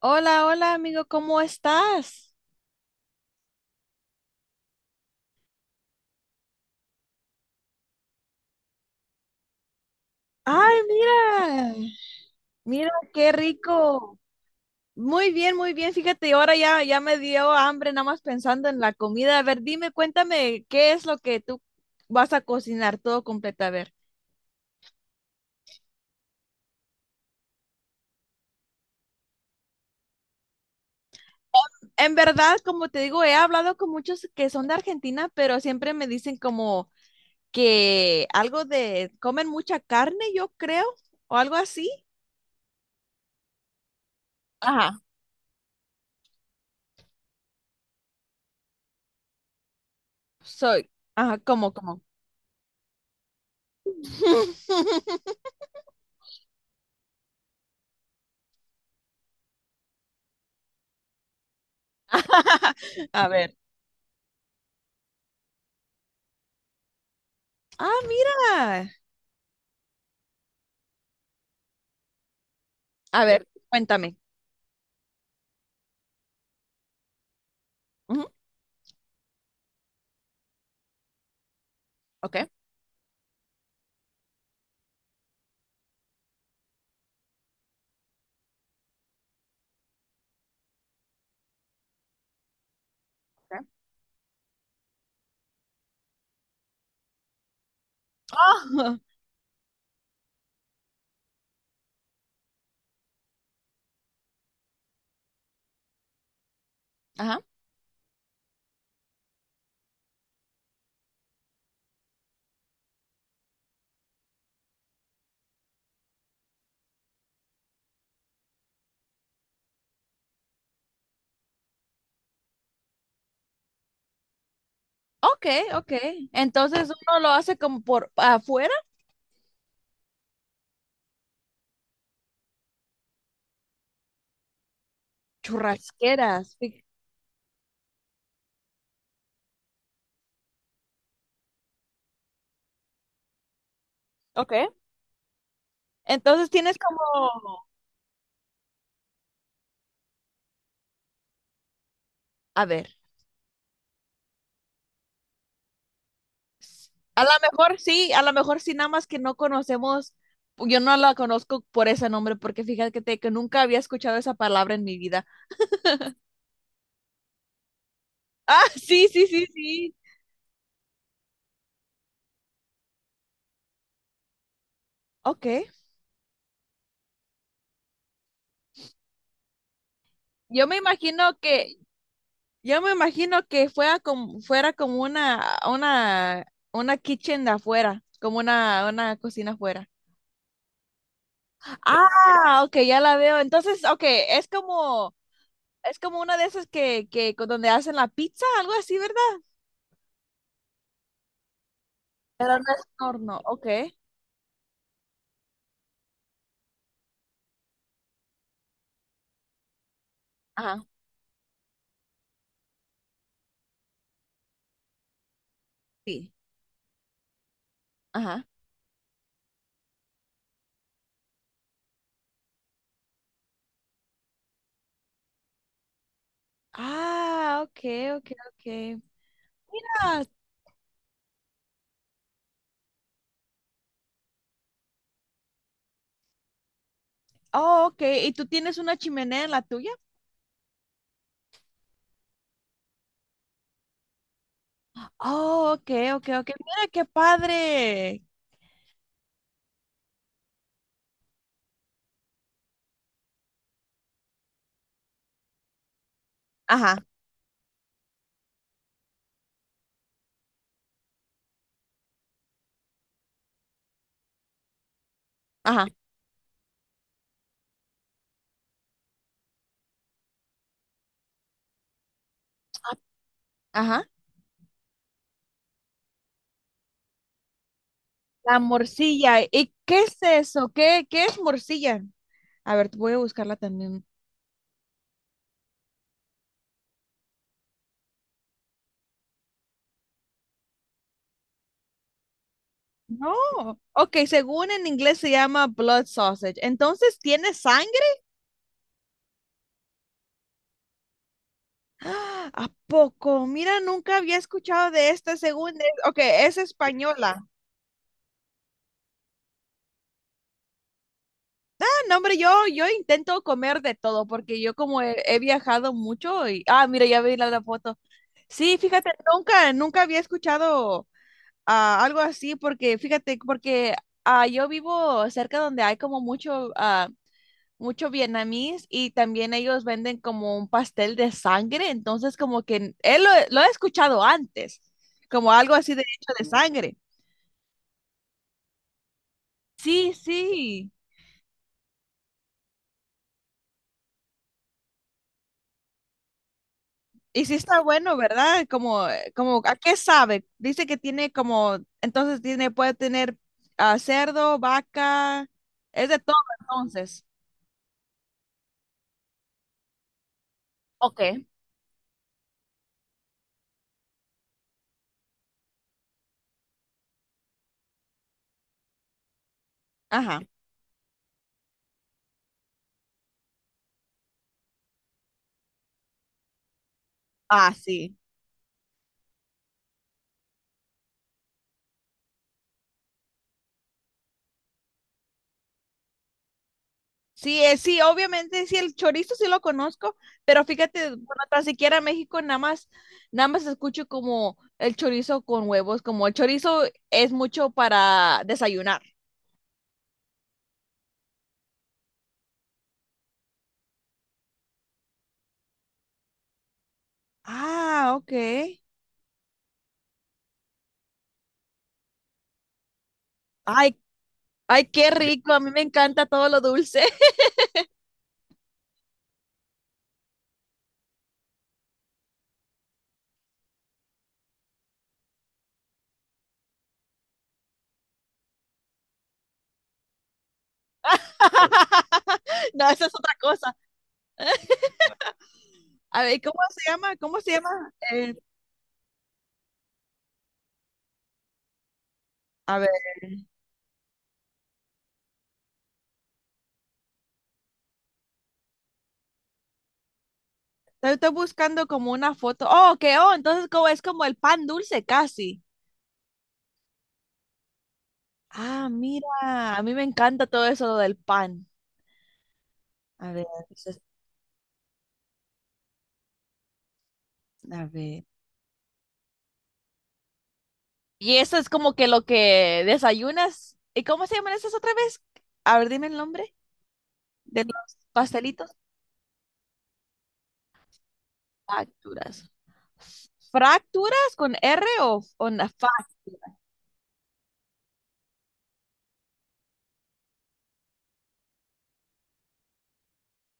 Hola, hola amigo, ¿cómo estás? Ay, mira, mira qué rico. Muy bien, muy bien. Fíjate, ahora ya me dio hambre nada más pensando en la comida. A ver, dime, cuéntame, ¿qué es lo que tú vas a cocinar todo completo? A ver, en verdad, como te digo, he hablado con muchos que son de Argentina, pero siempre me dicen como que algo de, comen mucha carne, yo creo, o algo así. Ajá. Soy, ajá, como. A ver. Ah, mira. A ver, cuéntame. Ujú. Ok. Ok. Ah, ajá. Ok, ok. Entonces uno lo hace como por afuera, churrasqueras. Ok. Entonces tienes como, a ver, s- a lo mejor sí, a lo mejor sí, nada más que no conocemos, yo no la conozco por ese nombre, porque fíjate que nunca había escuchado esa palabra en mi vida. Ah, sí, sí, sí, sí. Ok. Yo me imagino que, Yo me imagino que fuera como una kitchen de afuera, como una cocina afuera. Ah, ok, ya la veo. Entonces, ok, es como una de esas que con donde hacen la pizza, algo así, ¿verdad? Horno, ok. Ajá, sí, ajá. Ah, ok, ok, ok. Mira, oh, ok, ¿y tú tienes una chimenea en la tuya? Oh, ok, ok, ok. Mira qué padre. Ajá, ajá, ajá. La morcilla. ¿Y qué es eso? ¿Qué, qué es morcilla? A ver, voy a buscarla también. No. Ok, según en inglés se llama blood sausage. Entonces, ¿tiene sangre? ¡Ah! ¿A poco? Mira, nunca había escuchado de esta según. Ok, es española. Ah, no, hombre, yo intento comer de todo porque yo como he viajado mucho y... Ah, mira, ya vi la, la foto. Sí, fíjate, nunca, nunca había escuchado. Algo así, porque fíjate, porque yo vivo cerca donde hay como mucho, mucho vietnamís y también ellos venden como un pastel de sangre, entonces como que él lo he escuchado antes, como algo así de hecho de sangre. Sí, sí. Y sí está bueno, ¿verdad? Como, como, ¿a qué sabe? Dice que tiene como, entonces tiene, puede tener cerdo, vaca, es de todo entonces. Ok. Ajá. Ah, sí. Sí, sí, obviamente, sí, el chorizo sí lo conozco, pero fíjate, bueno, tan siquiera México nada más, nada más escucho como el chorizo con huevos, como el chorizo es mucho para desayunar. Ah, ok. Ay, ay, qué rico, a mí me encanta todo lo dulce. No, esa es otra cosa. A ver, ¿cómo se llama? ¿Cómo se llama? A ver, estoy, estoy buscando como una foto. Oh, ok, oh, entonces como es como el pan dulce casi. Ah, mira, a mí me encanta todo eso lo del pan. A ver, a ver. Y eso es como que lo que desayunas. ¿Y cómo se llaman esas otra vez? A ver, dime el nombre de los pastelitos. Facturas. ¿Fracturas con R o, factura?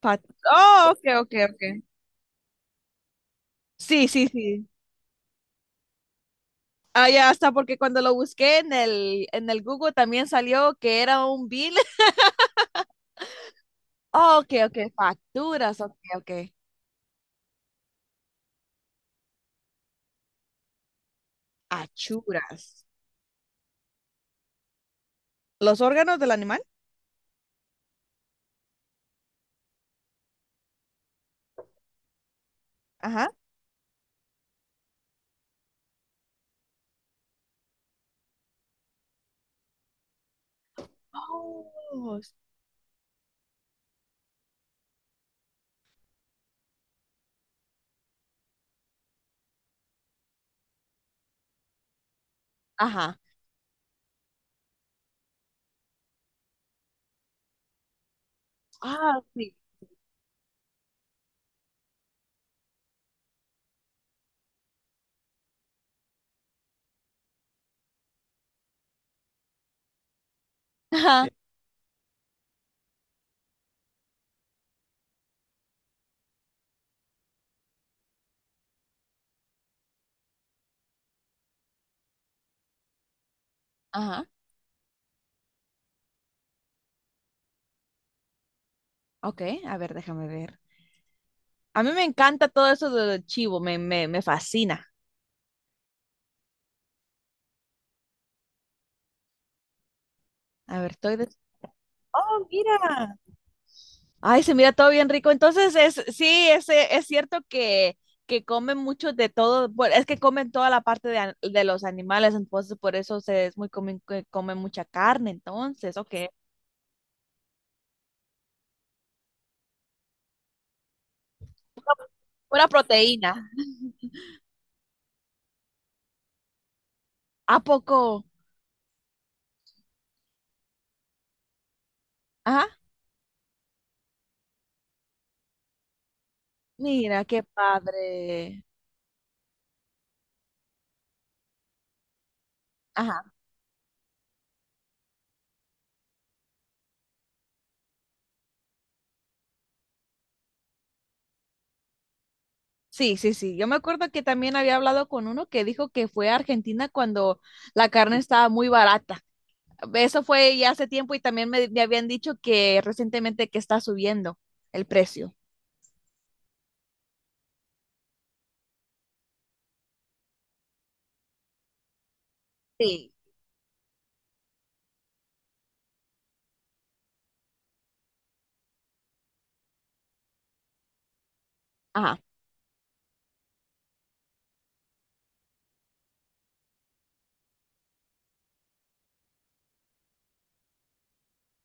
Fac- Oh, ok, ok, ok. Sí, sí, sí. Ah, ya hasta porque cuando lo busqué en el Google también salió que era un bill. Oh, ok, ok. Facturas, ok, ok. Achuras. Los órganos del animal, ajá. Ojos. Ajá. Ah, sí. Ajá. Sí. Ajá. Ok, a ver, déjame ver. A mí me encanta todo eso del chivo, me fascina. A ver, estoy de... Oh, mira. Ay, se mira todo bien rico. Entonces, es, sí, es cierto que comen mucho de todo, bueno, es que comen toda la parte de, de los animales, entonces por eso se, es muy común que comen mucha carne, entonces, ok. Pura proteína. ¿A poco? Ajá. Mira, qué padre. Ajá. Sí, sí, sí. Yo me acuerdo que también había hablado con uno que dijo que fue a Argentina cuando la carne estaba muy barata. Eso fue ya hace tiempo y también me habían dicho que recientemente que está subiendo el precio. Sí. Ajá.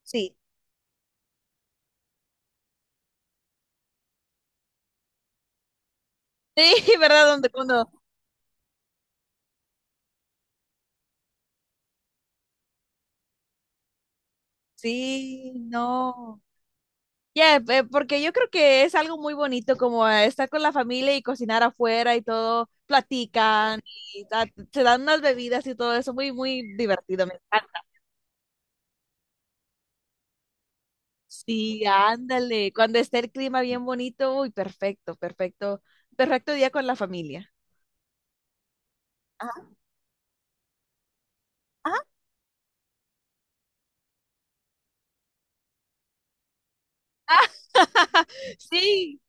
Sí. Sí, ¿verdad? Donde cuando. Sí, no. Ya, porque yo creo que es algo muy bonito como estar con la familia y cocinar afuera y todo, platican y se dan unas bebidas y todo eso, muy, muy divertido, me encanta. Sí, ándale, cuando esté el clima bien bonito, uy, perfecto, perfecto, perfecto día con la familia. Ajá, ajá. Sí,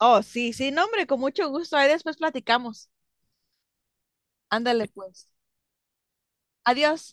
oh, sí, sí, no, hombre, con mucho gusto, ahí después platicamos. Ándale, pues. Adiós.